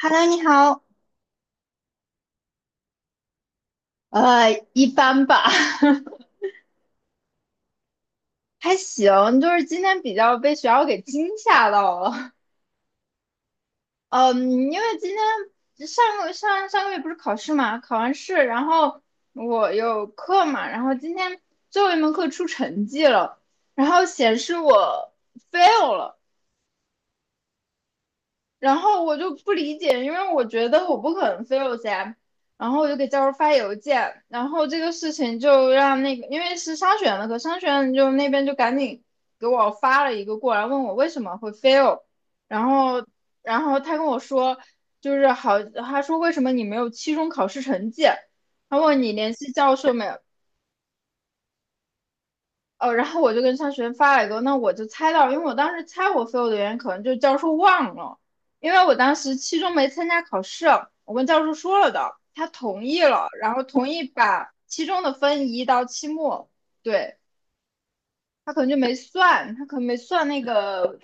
Hello，你好。一般吧，还行，就是今天比较被学校给惊吓到了。嗯，因为今天上上个月不是考试嘛，考完试，然后我有课嘛，然后今天最后一门课出成绩了，然后显示我 fail 了。然后我就不理解，因为我觉得我不可能 fail 噻。然后我就给教授发邮件，然后这个事情就让那个，因为是商学院的课，商学院就那边就赶紧给我发了一个过来，问我为什么会 fail。然后，然后他跟我说，就是好，他说为什么你没有期中考试成绩？他问你联系教授没有？哦，然后我就跟商学院发了一个，那我就猜到，因为我当时猜我 fail 的原因可能就是教授忘了，因为我当时期中没参加考试，我跟教授说了的，他同意了，然后同意把期中的分移到期末，对，他可能就没算，他可能没算那个，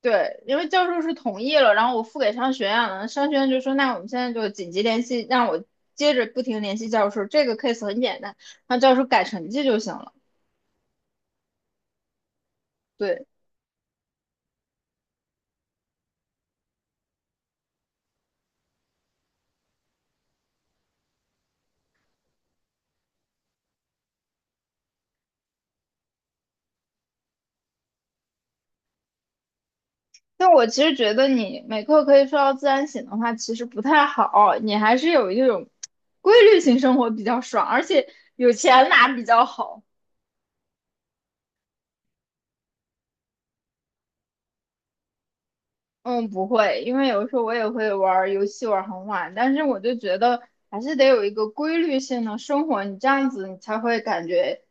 对，因为教授是同意了，然后我付给商学院了，商学院就说那我们现在就紧急联系，让我接着不停联系教授，这个 case 很简单，让教授改成绩就行了，对。但我其实觉得你每刻可以睡到自然醒的话，其实不太好。你还是有一种规律性生活比较爽，而且有钱拿比较好。嗯，不会，因为有时候我也会玩儿游戏玩儿很晚，但是我就觉得还是得有一个规律性的生活，你这样子你才会感觉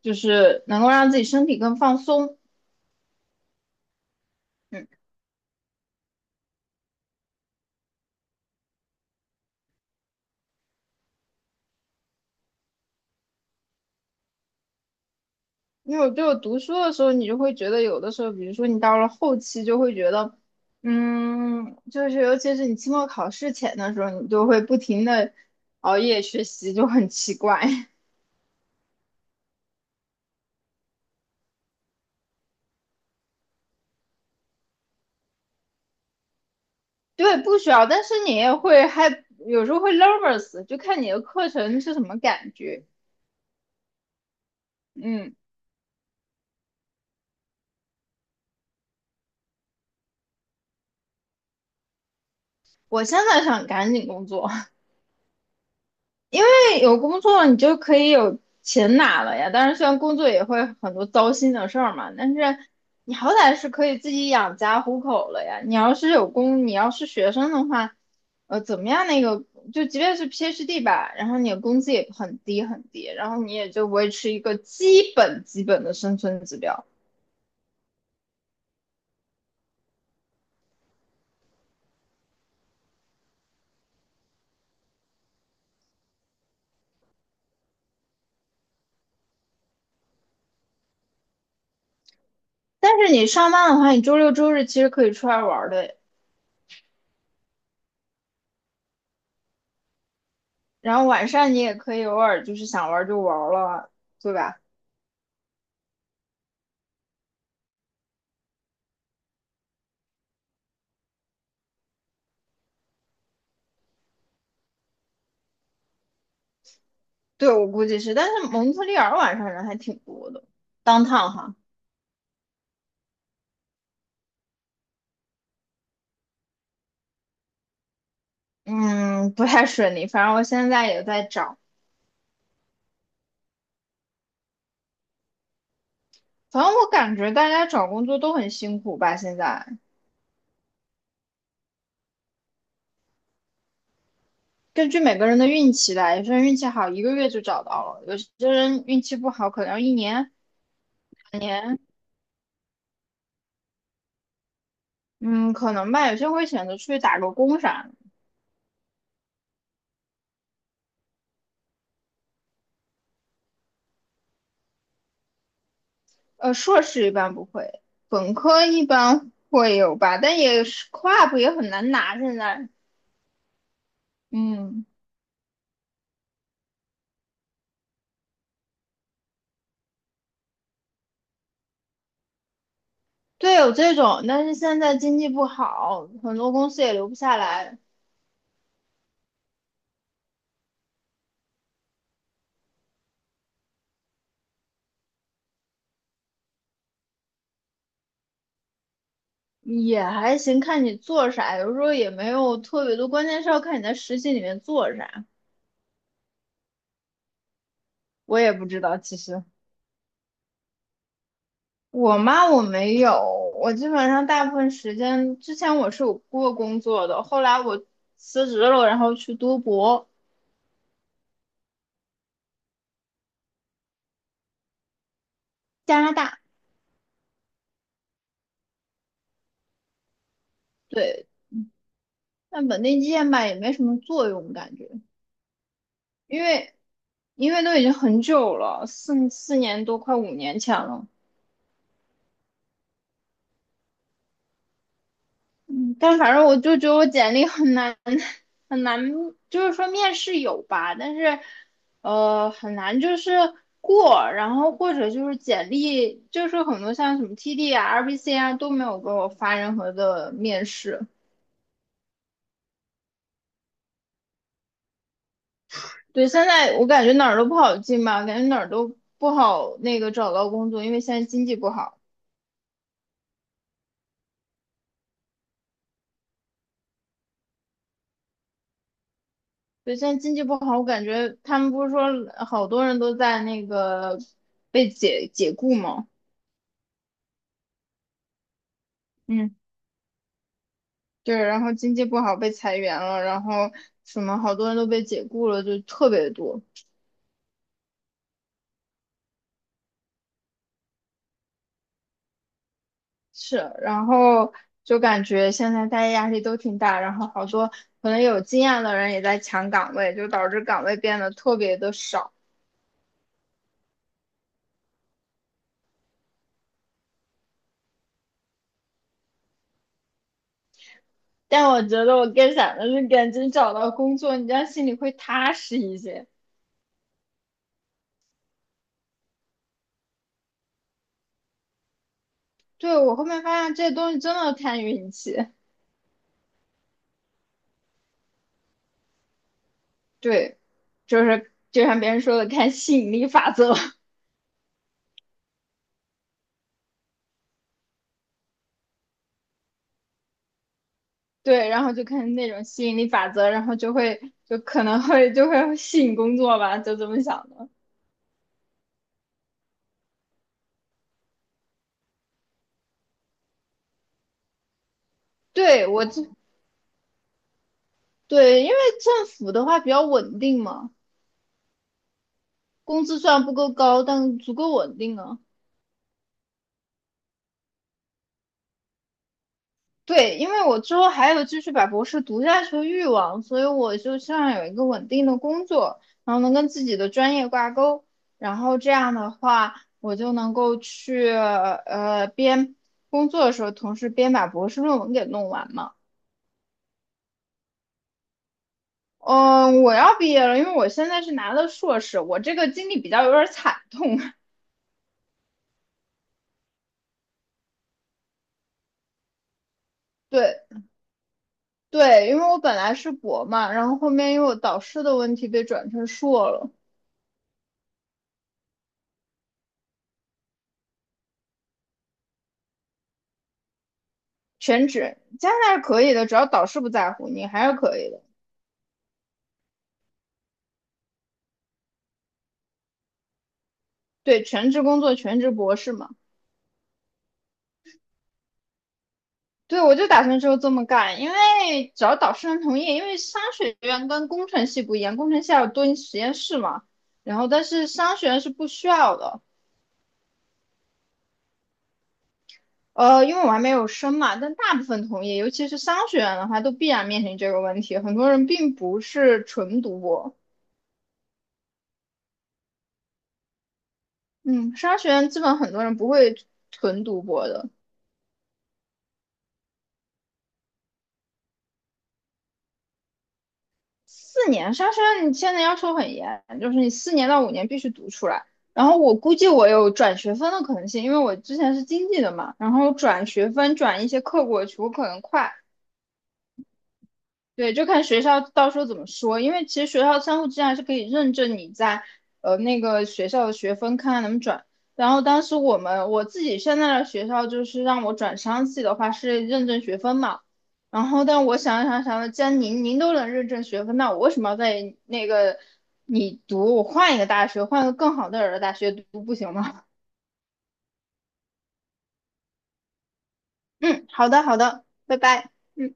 就是能够让自己身体更放松。嗯。因为我就读书的时候，你就会觉得有的时候，比如说你到了后期，就会觉得，嗯，就是尤其是你期末考试前的时候，你就会不停的熬夜学习，就很奇怪。对，不需要，但是你也会还有时候会 nervous，就看你的课程是什么感觉。嗯，我现在想赶紧工作，有工作你就可以有钱拿了呀。当然，虽然工作也会很多糟心的事儿嘛，但是你好歹是可以自己养家糊口了呀。你要是有工，你要是学生的话，呃，怎么样？那个就即便是 PhD 吧，然后你的工资也很低很低，然后你也就维持一个基本的生存指标。但是你上班的话，你周六周日其实可以出来玩儿的，然后晚上你也可以偶尔就是想玩儿就玩儿了，对吧？对，我估计是，但是蒙特利尔晚上人还挺多的当趟哈，嗯，不太顺利。反正我现在也在找，反正我感觉大家找工作都很辛苦吧。现在根据每个人的运气来，有些人运气好1个月就找到了，有些人运气不好可能要1年，嗯，可能吧。有些人会选择出去打个工啥的，呃，硕士一般不会，本科一般会有吧，但也是 CLUB 也很难拿现在，嗯。对，有这种，但是现在经济不好，很多公司也留不下来，也还行，看你做啥，有时候也没有特别多，关键是要看你在实习里面做啥。我也不知道，其实我妈我没有，我基本上大部分时间之前我是有过工作的，后来我辞职了，然后去读博，加拿大，对，但本地经验吧也没什么作用感觉，因为因为都已经很久了，四年多快5年前了。但反正我就觉得我简历很难 很难，就是说面试有吧，但是呃很难就是过，然后或者就是简历就是很多像什么 TD 啊、RBC 啊都没有给我发任何的面试。对，现在我感觉哪儿都不好进吧，感觉哪儿都不好那个找到工作，因为现在经济不好。对，现在经济不好，我感觉他们不是说好多人都在那个被解雇吗？嗯。对，然后经济不好被裁员了，然后什么好多人都被解雇了，就特别多。是，然后就感觉现在大家压力都挺大，然后好多可能有经验的人也在抢岗位，就导致岗位变得特别的少。但我觉得我更想的是赶紧找到工作，你这样心里会踏实一些。对，我后面发现这东西真的看运气，对，就是就像别人说的，看吸引力法则。对，然后就看那种吸引力法则，然后就会吸引工作吧，就这么想的。对，对，因为政府的话比较稳定嘛，工资虽然不够高，但足够稳定啊。对，因为我之后还有继续把博士读下去的欲望，所以我就希望有一个稳定的工作，然后能跟自己的专业挂钩，然后这样的话，我就能够去呃边工作的时候，同时边把博士论文给弄完嘛。嗯，我要毕业了，因为我现在是拿的硕士，我这个经历比较有点惨痛。对对，因为我本来是博嘛，然后后面因为我导师的问题被转成硕了，全职。加拿大是可以的，只要导师不在乎，你还是可以的。对，全职工作，全职博士嘛。对，我就打算之后这么干，因为只要导师能同意，因为商学院跟工程系不一样，工程系要蹲实验室嘛，然后但是商学院是不需要的。呃，因为我还没有升嘛，但大部分同业，尤其是商学院的话，都必然面临这个问题。很多人并不是纯读博，嗯，商学院基本很多人不会纯读博的。四年，商学院你现在要求很严，就是你4到5年必须读出来。然后我估计我有转学分的可能性，因为我之前是经济的嘛，然后转学分转一些课过去，我可能快。对，就看学校到时候怎么说，因为其实学校相互之间还是可以认证你在呃那个学校的学分，看看能不能转。然后当时我们我自己现在的学校就是让我转商系的话是认证学分嘛，然后但我想了，既然您都能认证学分，那我为什么要在那个你读，我换一个大学，换个更好的人的大学读不行吗？嗯，好的好的，拜拜。嗯。